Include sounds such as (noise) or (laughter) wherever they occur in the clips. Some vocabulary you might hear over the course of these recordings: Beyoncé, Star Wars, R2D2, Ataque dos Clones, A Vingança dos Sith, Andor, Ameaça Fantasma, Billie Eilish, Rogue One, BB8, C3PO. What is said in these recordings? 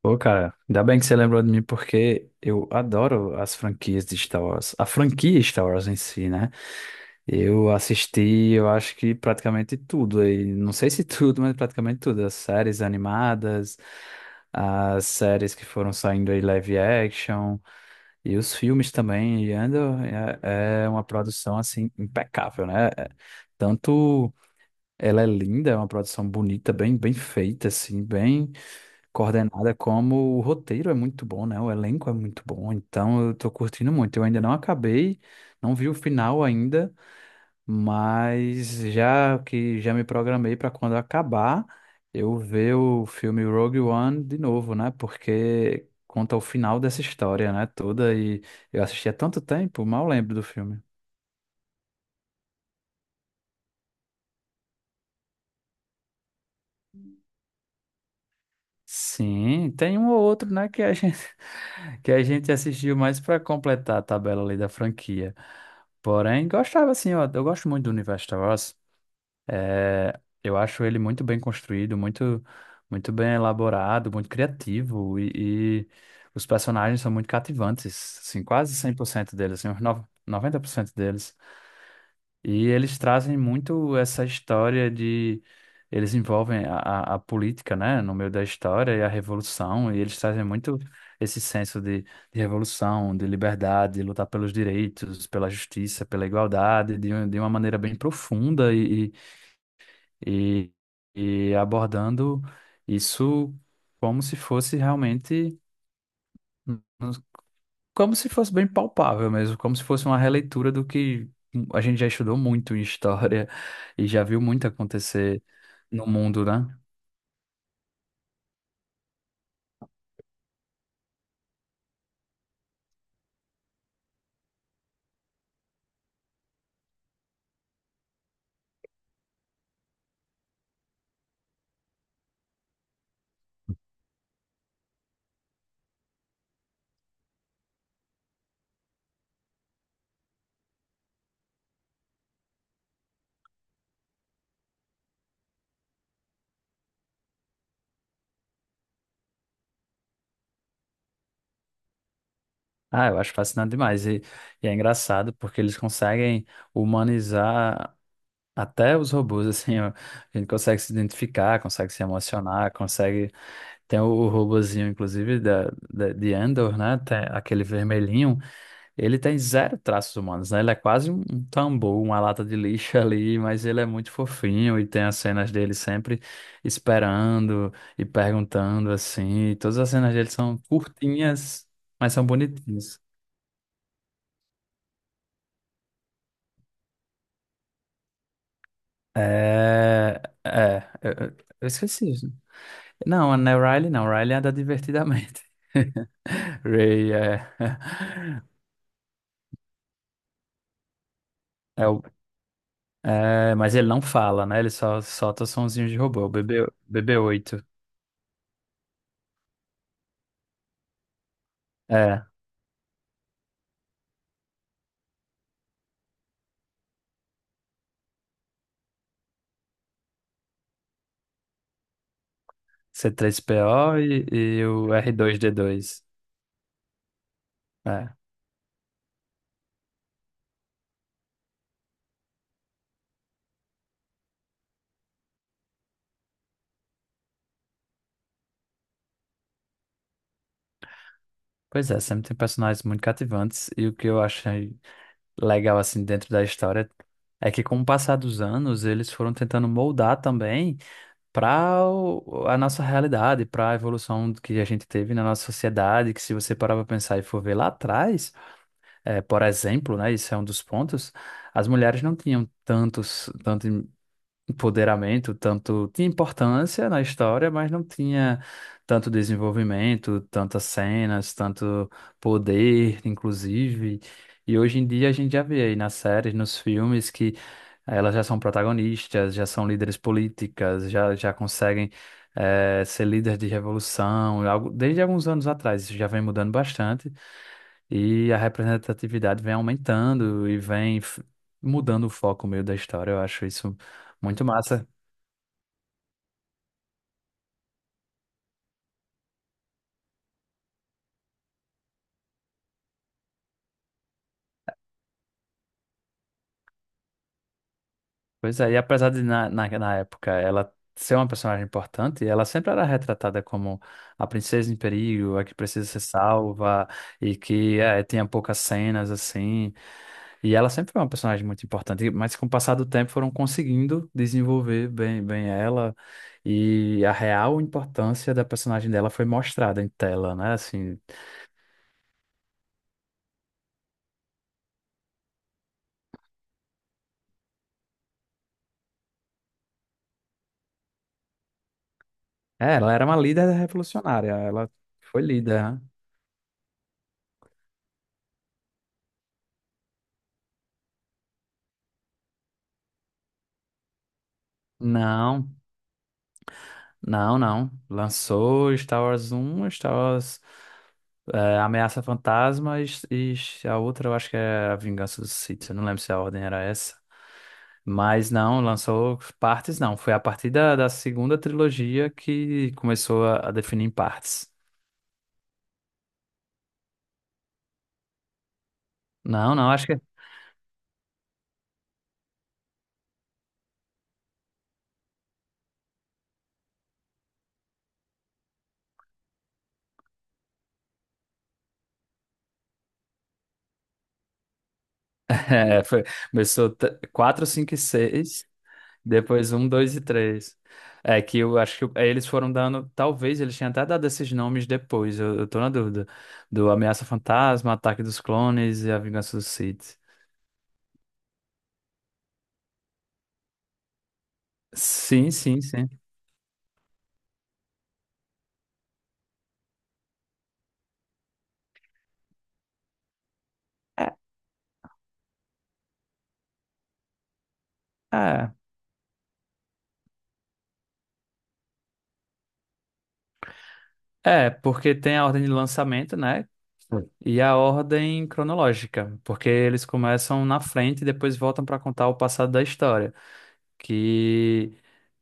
Pô, cara, ainda bem que você lembrou de mim porque eu adoro as franquias de Star Wars. A franquia Star Wars em si, né? Eu assisti, eu acho que praticamente tudo. E não sei se (laughs) tudo, mas praticamente tudo. As séries animadas, as séries que foram saindo aí live action e os filmes também. E ando, é uma produção, assim, impecável, né? É, tanto ela é linda, é uma produção bonita, bem feita, assim, bem coordenada, como o roteiro é muito bom, né? O elenco é muito bom, então eu tô curtindo muito. Eu ainda não acabei, não vi o final ainda, mas já que já me programei para quando acabar, eu ver o filme Rogue One de novo, né? Porque conta o final dessa história, né? Toda. E eu assisti há tanto tempo, mal lembro do filme. Sim, tem um ou outro, né, que a gente, (laughs) que a gente assistiu mais para completar a tabela ali da franquia. Porém, gostava assim, eu gosto muito do universo Star Wars. É, eu acho ele muito bem construído, muito bem elaborado, muito criativo e os personagens são muito cativantes, assim, quase 100% deles, assim, uns 90% deles. E eles trazem muito essa história de. Eles envolvem a política, né, no meio da história e a revolução, e eles trazem muito esse senso de revolução, de liberdade, de lutar pelos direitos, pela justiça, pela igualdade, de, de uma maneira bem profunda e, e abordando isso como se fosse realmente, como se fosse bem palpável mesmo, como se fosse uma releitura do que a gente já estudou muito em história (laughs) e já viu muito acontecer no mundo, né? Ah, eu acho fascinante demais. E, é engraçado porque eles conseguem humanizar até os robôs, (laughs) assim, ó. A gente consegue se identificar, consegue se emocionar, consegue. Tem o robozinho, inclusive, de Andor, né? Tem aquele vermelhinho. Ele tem zero traços humanos, né? Ele é quase um tambor, uma lata de lixo (laughs) ali, mas ele é muito fofinho e tem as cenas dele sempre esperando e perguntando assim. E todas as cenas dele são curtinhas, mas são bonitinhas. É, é, eu esqueci isso. Não, não é Riley, não. Riley anda divertidamente. (laughs) Ray é. é, o- mas ele não fala, né? Ele só solta sonzinhos de robô, o BB, BB8. C3PO e o r dois d dois. É. Pois é, sempre tem personagens muito cativantes e o que eu achei legal assim dentro da história é que com o passar dos anos eles foram tentando moldar também para a nossa realidade, para a evolução que a gente teve na nossa sociedade, que se você parar para pensar e for ver lá atrás, é, por exemplo, né, isso é um dos pontos. As mulheres não tinham tantos, tanto empoderamento, tanto tinha importância na história, mas não tinha tanto desenvolvimento, tantas cenas, tanto poder, inclusive. E hoje em dia a gente já vê aí nas séries, nos filmes, que elas já são protagonistas, já são líderes políticas, já, já conseguem ser líderes de revolução. Desde alguns anos atrás isso já vem mudando bastante e a representatividade vem aumentando e vem mudando o foco meio da história. Eu acho isso muito massa. Pois é, e apesar de na época ela ser uma personagem importante, ela sempre era retratada como a princesa em perigo, a que precisa ser salva e que tinha poucas cenas assim. E ela sempre foi uma personagem muito importante, mas com o passar do tempo foram conseguindo desenvolver bem ela, e a real importância da personagem dela foi mostrada em tela, né? Assim, é, ela era uma líder revolucionária, ela foi líder, né? Não. Não, não. Lançou Star Wars Um, Star Wars Ameaça Fantasma e a outra eu acho que é A Vingança dos Sith. Eu não lembro se a ordem era essa. Mas não, lançou partes não. Foi a partir da segunda trilogia que começou a definir em partes. Não, não, acho que (laughs) é, foi, começou 4, cinco e 6. Depois um, dois e três. É que eu acho que eles foram dando. Talvez eles tenham até dado esses nomes depois, eu tô na dúvida. Do Ameaça Fantasma, Ataque dos Clones e A Vingança dos Sith. Sim, sim, sim. É, é, é, porque tem a ordem de lançamento, né? Sim. E a ordem cronológica, porque eles começam na frente e depois voltam para contar o passado da história, que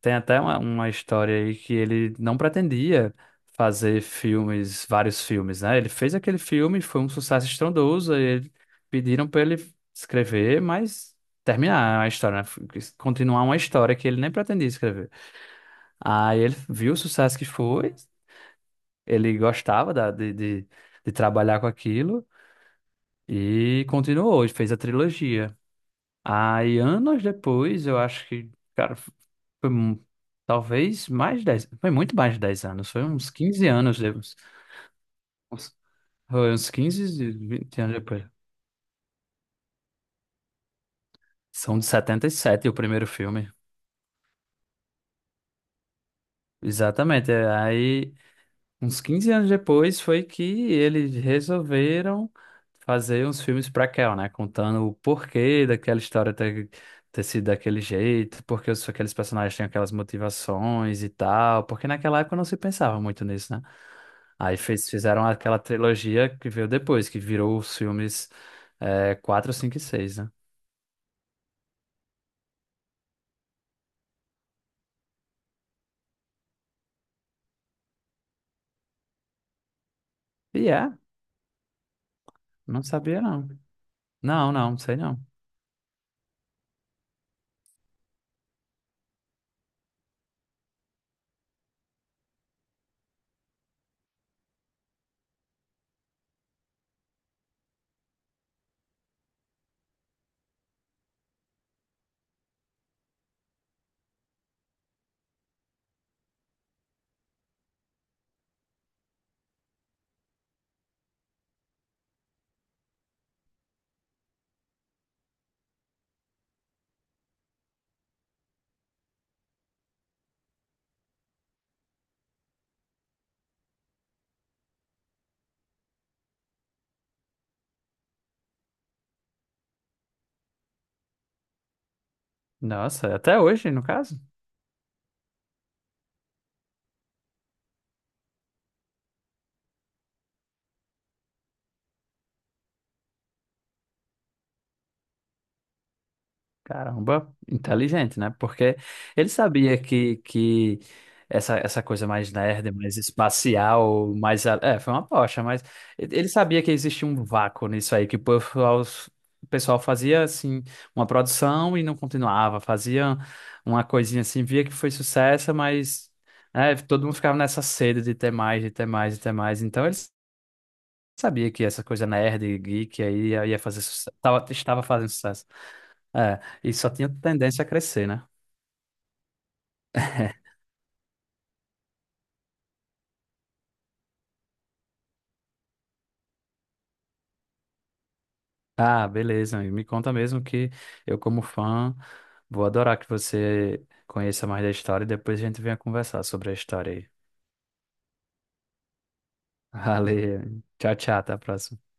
tem até uma história aí. Que ele não pretendia fazer filmes, vários filmes, né? Ele fez aquele filme, foi um sucesso estrondoso, e pediram para ele escrever, mas terminar a história, né? Continuar uma história que ele nem pretendia escrever. Aí ele viu o sucesso que foi, ele gostava de trabalhar com aquilo e continuou, e fez a trilogia. Aí, anos depois, eu acho que, cara, foi talvez mais de 10, foi muito mais de 10 anos, foi uns 15 anos depois. Uns- Foi uns 15 e 20 anos depois. São de 77 o primeiro filme. Exatamente. Aí, uns 15 anos depois foi que eles resolveram fazer uns filmes pra Kel, né? Contando o porquê daquela história ter, ter sido daquele jeito, porque aqueles personagens têm aquelas motivações e tal, porque naquela época não se pensava muito nisso, né? Aí fizeram aquela trilogia que veio depois, que virou os filmes 4, 5 e 6, né? E não sabia não. Não, não, sei não. Nossa, até hoje, no caso? Caramba, inteligente, né? Porque ele sabia que essa coisa mais nerd, mais espacial, mais. É, foi uma aposta, mas ele sabia que existia um vácuo nisso aí, que o pessoal fazia, assim, uma produção e não continuava, fazia uma coisinha assim, via que foi sucesso, mas, né, todo mundo ficava nessa sede de ter mais, de ter mais, de ter mais. Então ele sabia que essa coisa nerd, geek aí ia fazer sucesso, estava fazendo sucesso. É, e só tinha tendência a crescer, né? (laughs) Ah, beleza, amigo. Me conta mesmo que eu, como fã, vou adorar que você conheça mais da história e depois a gente venha conversar sobre a história aí. (laughs) Valeu. Tchau, tchau. Até a próxima.